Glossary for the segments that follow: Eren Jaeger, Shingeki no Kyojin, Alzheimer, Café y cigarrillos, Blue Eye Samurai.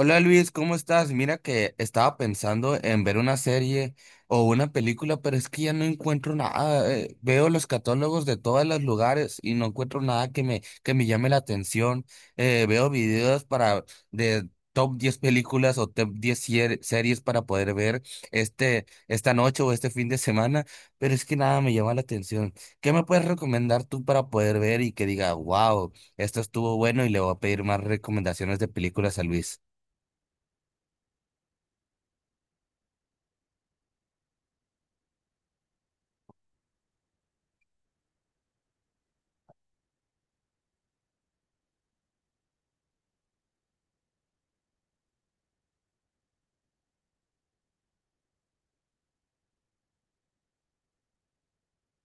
Hola Luis, ¿cómo estás? Mira que estaba pensando en ver una serie o una película, pero es que ya no encuentro nada. Veo los catálogos de todos los lugares y no encuentro nada que me llame la atención. Veo videos para de top 10 películas o top 10 series para poder ver esta noche o este fin de semana, pero es que nada me llama la atención. ¿Qué me puedes recomendar tú para poder ver y que diga, wow, esto estuvo bueno y le voy a pedir más recomendaciones de películas a Luis?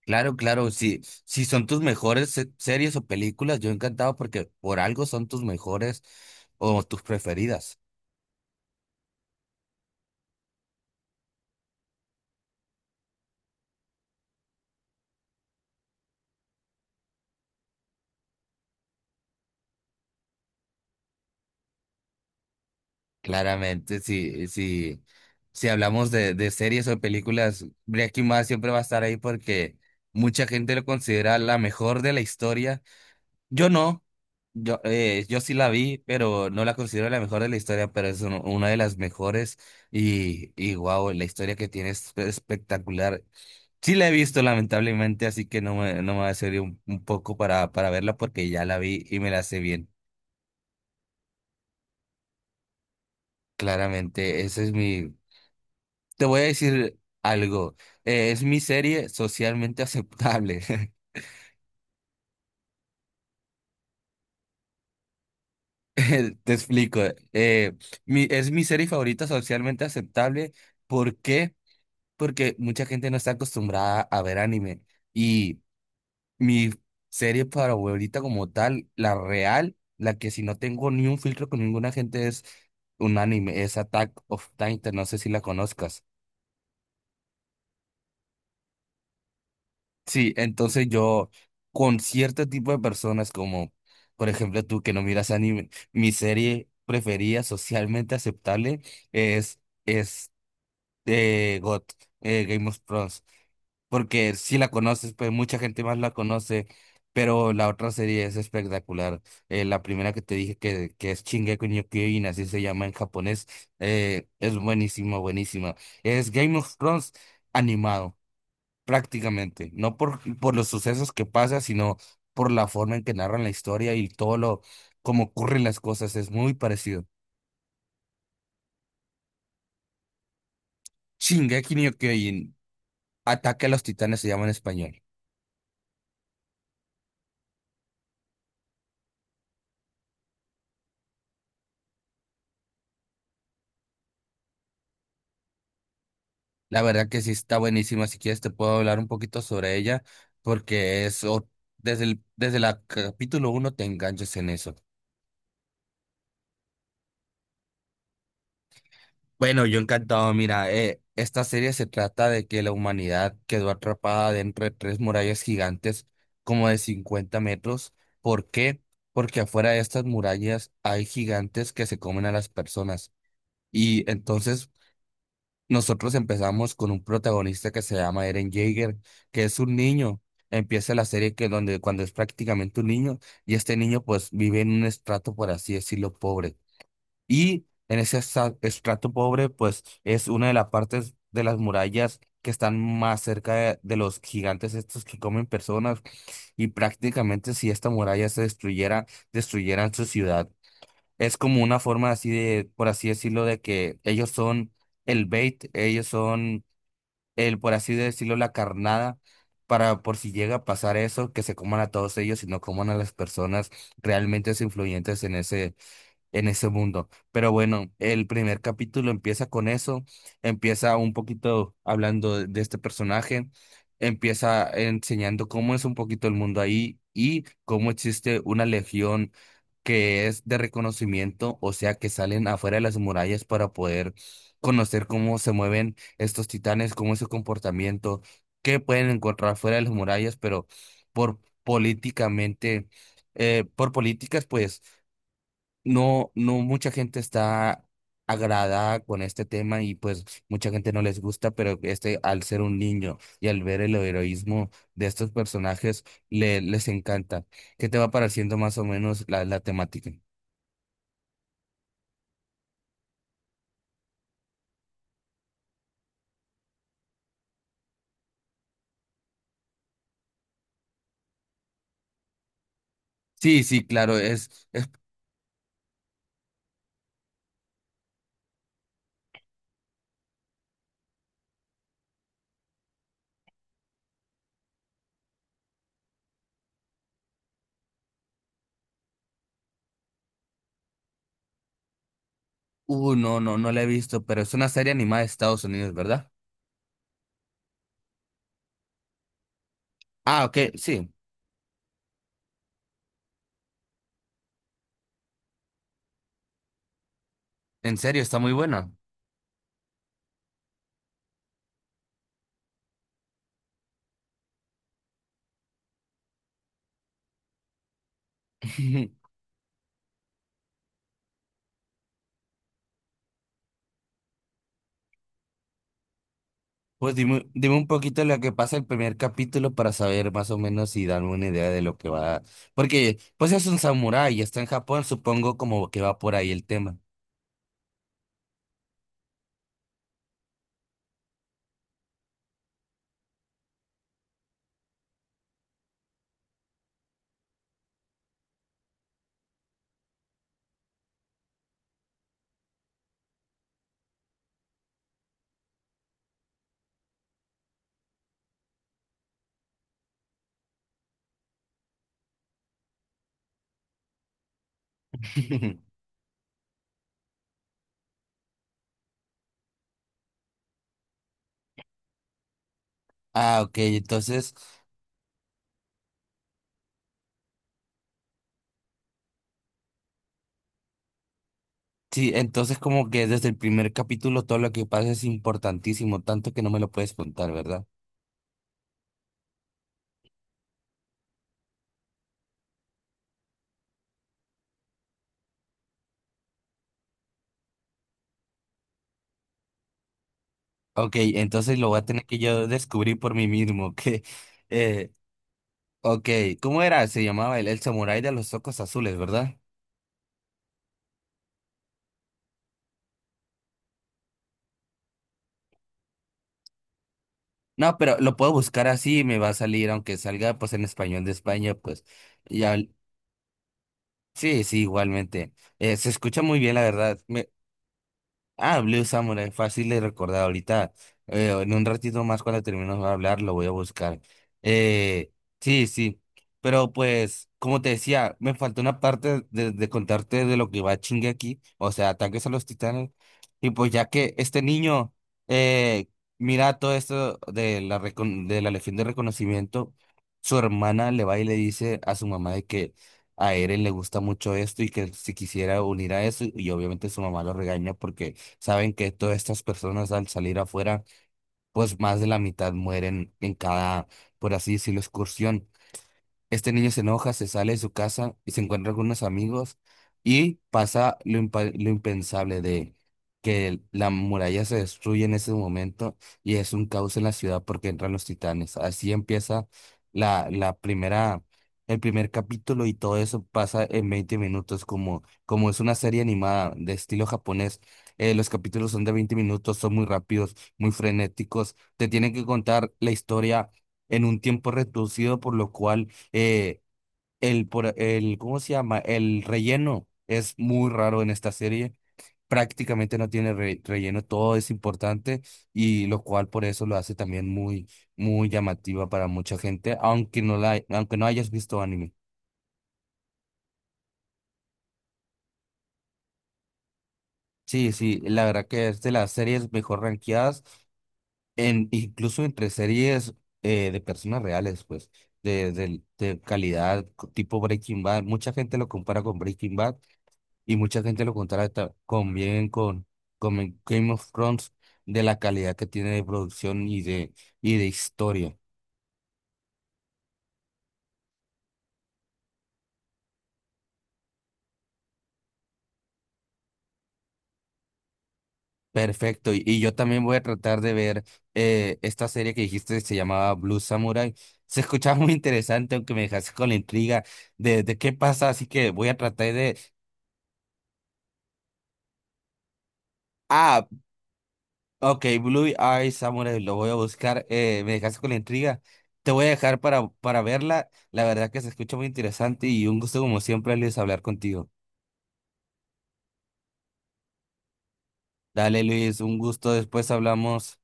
Claro, claro, si son tus mejores series o películas, yo encantado porque por algo son tus mejores o tus preferidas. Claramente, si hablamos de series o películas, Breaking Bad siempre va a estar ahí porque mucha gente lo considera la mejor de la historia. Yo no, yo sí la vi, pero no la considero la mejor de la historia, pero es una de las mejores y wow, la historia que tiene es espectacular. Sí la he visto lamentablemente, así que no me va a servir un poco para verla porque ya la vi y me la sé bien. Claramente, ese es mi... Te voy a decir algo. Es mi serie socialmente aceptable. Te explico. eh, es mi serie favorita socialmente aceptable. ¿Por qué? Porque mucha gente no está acostumbrada a ver anime. Y mi serie para favorita como tal, la real, la que si no tengo ni un filtro con ninguna gente es un anime, es Attack of Titan, no sé si la conozcas. Sí, entonces yo con cierto tipo de personas como, por ejemplo, tú que no miras anime, mi serie preferida socialmente aceptable es, es GOT, Game of Thrones. Porque si la conoces, pues mucha gente más la conoce, pero la otra serie es espectacular. La primera que te dije que es Shingeki no Kyojin, así se llama en japonés, es buenísima, buenísima. Es Game of Thrones animado, prácticamente, no por los sucesos que pasa, sino por la forma en que narran la historia y todo lo, cómo ocurren las cosas, es muy parecido. Shingeki no Kyojin, Ataque a los Titanes se llama en español. La verdad que sí está buenísima. Si quieres te puedo hablar un poquito sobre ella, porque eso, desde el, desde la capítulo uno te enganchas en eso. Bueno, yo encantado. Mira, esta serie se trata de que la humanidad quedó atrapada dentro de tres murallas gigantes, como de 50 metros. ¿Por qué? Porque afuera de estas murallas hay gigantes que se comen a las personas. Y entonces nosotros empezamos con un protagonista que se llama Eren Jaeger, que es un niño. Empieza la serie que donde cuando es prácticamente un niño y este niño pues vive en un estrato, por así decirlo, pobre. Y en ese estrato pobre pues es una de las partes de las murallas que están más cerca de los gigantes estos que comen personas y prácticamente si esta muralla se destruyera, destruyeran su ciudad. Es como una forma así de, por así decirlo, de que ellos son el bait, ellos son el, por así decirlo, la carnada para por si llega a pasar eso, que se coman a todos ellos y no coman a las personas realmente influyentes en ese mundo. Pero bueno, el primer capítulo empieza con eso, empieza un poquito hablando de este personaje, empieza enseñando cómo es un poquito el mundo ahí y cómo existe una legión que es de reconocimiento, o sea, que salen afuera de las murallas para poder conocer cómo se mueven estos titanes, cómo es su comportamiento, qué pueden encontrar fuera de las murallas, pero por políticamente, por políticas, pues no mucha gente está agradada con este tema y pues mucha gente no les gusta, pero este al ser un niño y al ver el heroísmo de estos personajes les encanta. ¿Qué te va pareciendo más o menos la temática? Sí, sí, claro, es, no, no, no la he visto, pero es una serie animada de Estados Unidos, ¿verdad? Ah, ok, sí, en serio, está muy buena. Pues dime un poquito lo que pasa el primer capítulo para saber más o menos y darme una idea de lo que va. Porque pues es un samurái y está en Japón, supongo como que va por ahí el tema. Ah, ok, entonces, sí, entonces como que desde el primer capítulo todo lo que pasa es importantísimo, tanto que no me lo puedes contar, ¿verdad? Ok, entonces lo voy a tener que yo descubrir por mí mismo, que, eh, ok, ¿cómo era? Se llamaba el samurái de los ojos azules, ¿verdad? No, pero lo puedo buscar así, me va a salir, aunque salga pues en español de España, pues ya, sí, sí, igualmente. Se escucha muy bien, la verdad. Ah, Blue Samurai, fácil de recordar ahorita. En un ratito más cuando terminemos de hablar lo voy a buscar. Eh, sí, sí. Pero pues, como te decía, me faltó una parte de contarte de lo que va chingue aquí, o sea, ataques a los titanes. Y pues ya que este niño eh, mira todo esto de la Legión de Reconocimiento, su hermana le va y le dice a su mamá de que a Eren le gusta mucho esto y que si quisiera unir a eso, y obviamente su mamá lo regaña porque saben que todas estas personas al salir afuera, pues más de la mitad mueren en cada, por así decirlo, excursión. Este niño se enoja, se sale de su casa y se encuentra con unos amigos y pasa lo impensable de que la muralla se destruye en ese momento y es un caos en la ciudad porque entran los titanes. Así empieza la, la primera, el primer capítulo y todo eso pasa en 20 minutos como es una serie animada de estilo japonés. Los capítulos son de 20 minutos, son muy rápidos, muy frenéticos. Te tienen que contar la historia en un tiempo reducido, por lo cual eh, ¿cómo se llama? El relleno es muy raro en esta serie. Prácticamente no tiene relleno, todo es importante y lo cual por eso lo hace también muy, muy llamativa para mucha gente, aunque no hayas visto anime. Sí, sí, la verdad que es de las series mejor rankeadas, incluso entre series de personas reales, pues, de calidad, tipo Breaking Bad. Mucha gente lo compara con Breaking Bad y mucha gente lo contrata con bien con Game of Thrones de la calidad que tiene de producción y de historia. Perfecto. Y yo también voy a tratar de ver esta serie que dijiste se llamaba Blue Samurai. Se escuchaba muy interesante, aunque me dejaste con la intriga de qué pasa, así que voy a tratar de... Ah, ok, Blue Eye Samurai, lo voy a buscar. Me dejaste con la intriga. Te voy a dejar para verla. La verdad que se escucha muy interesante y un gusto como siempre, Luis, hablar contigo. Dale Luis, un gusto. Después hablamos.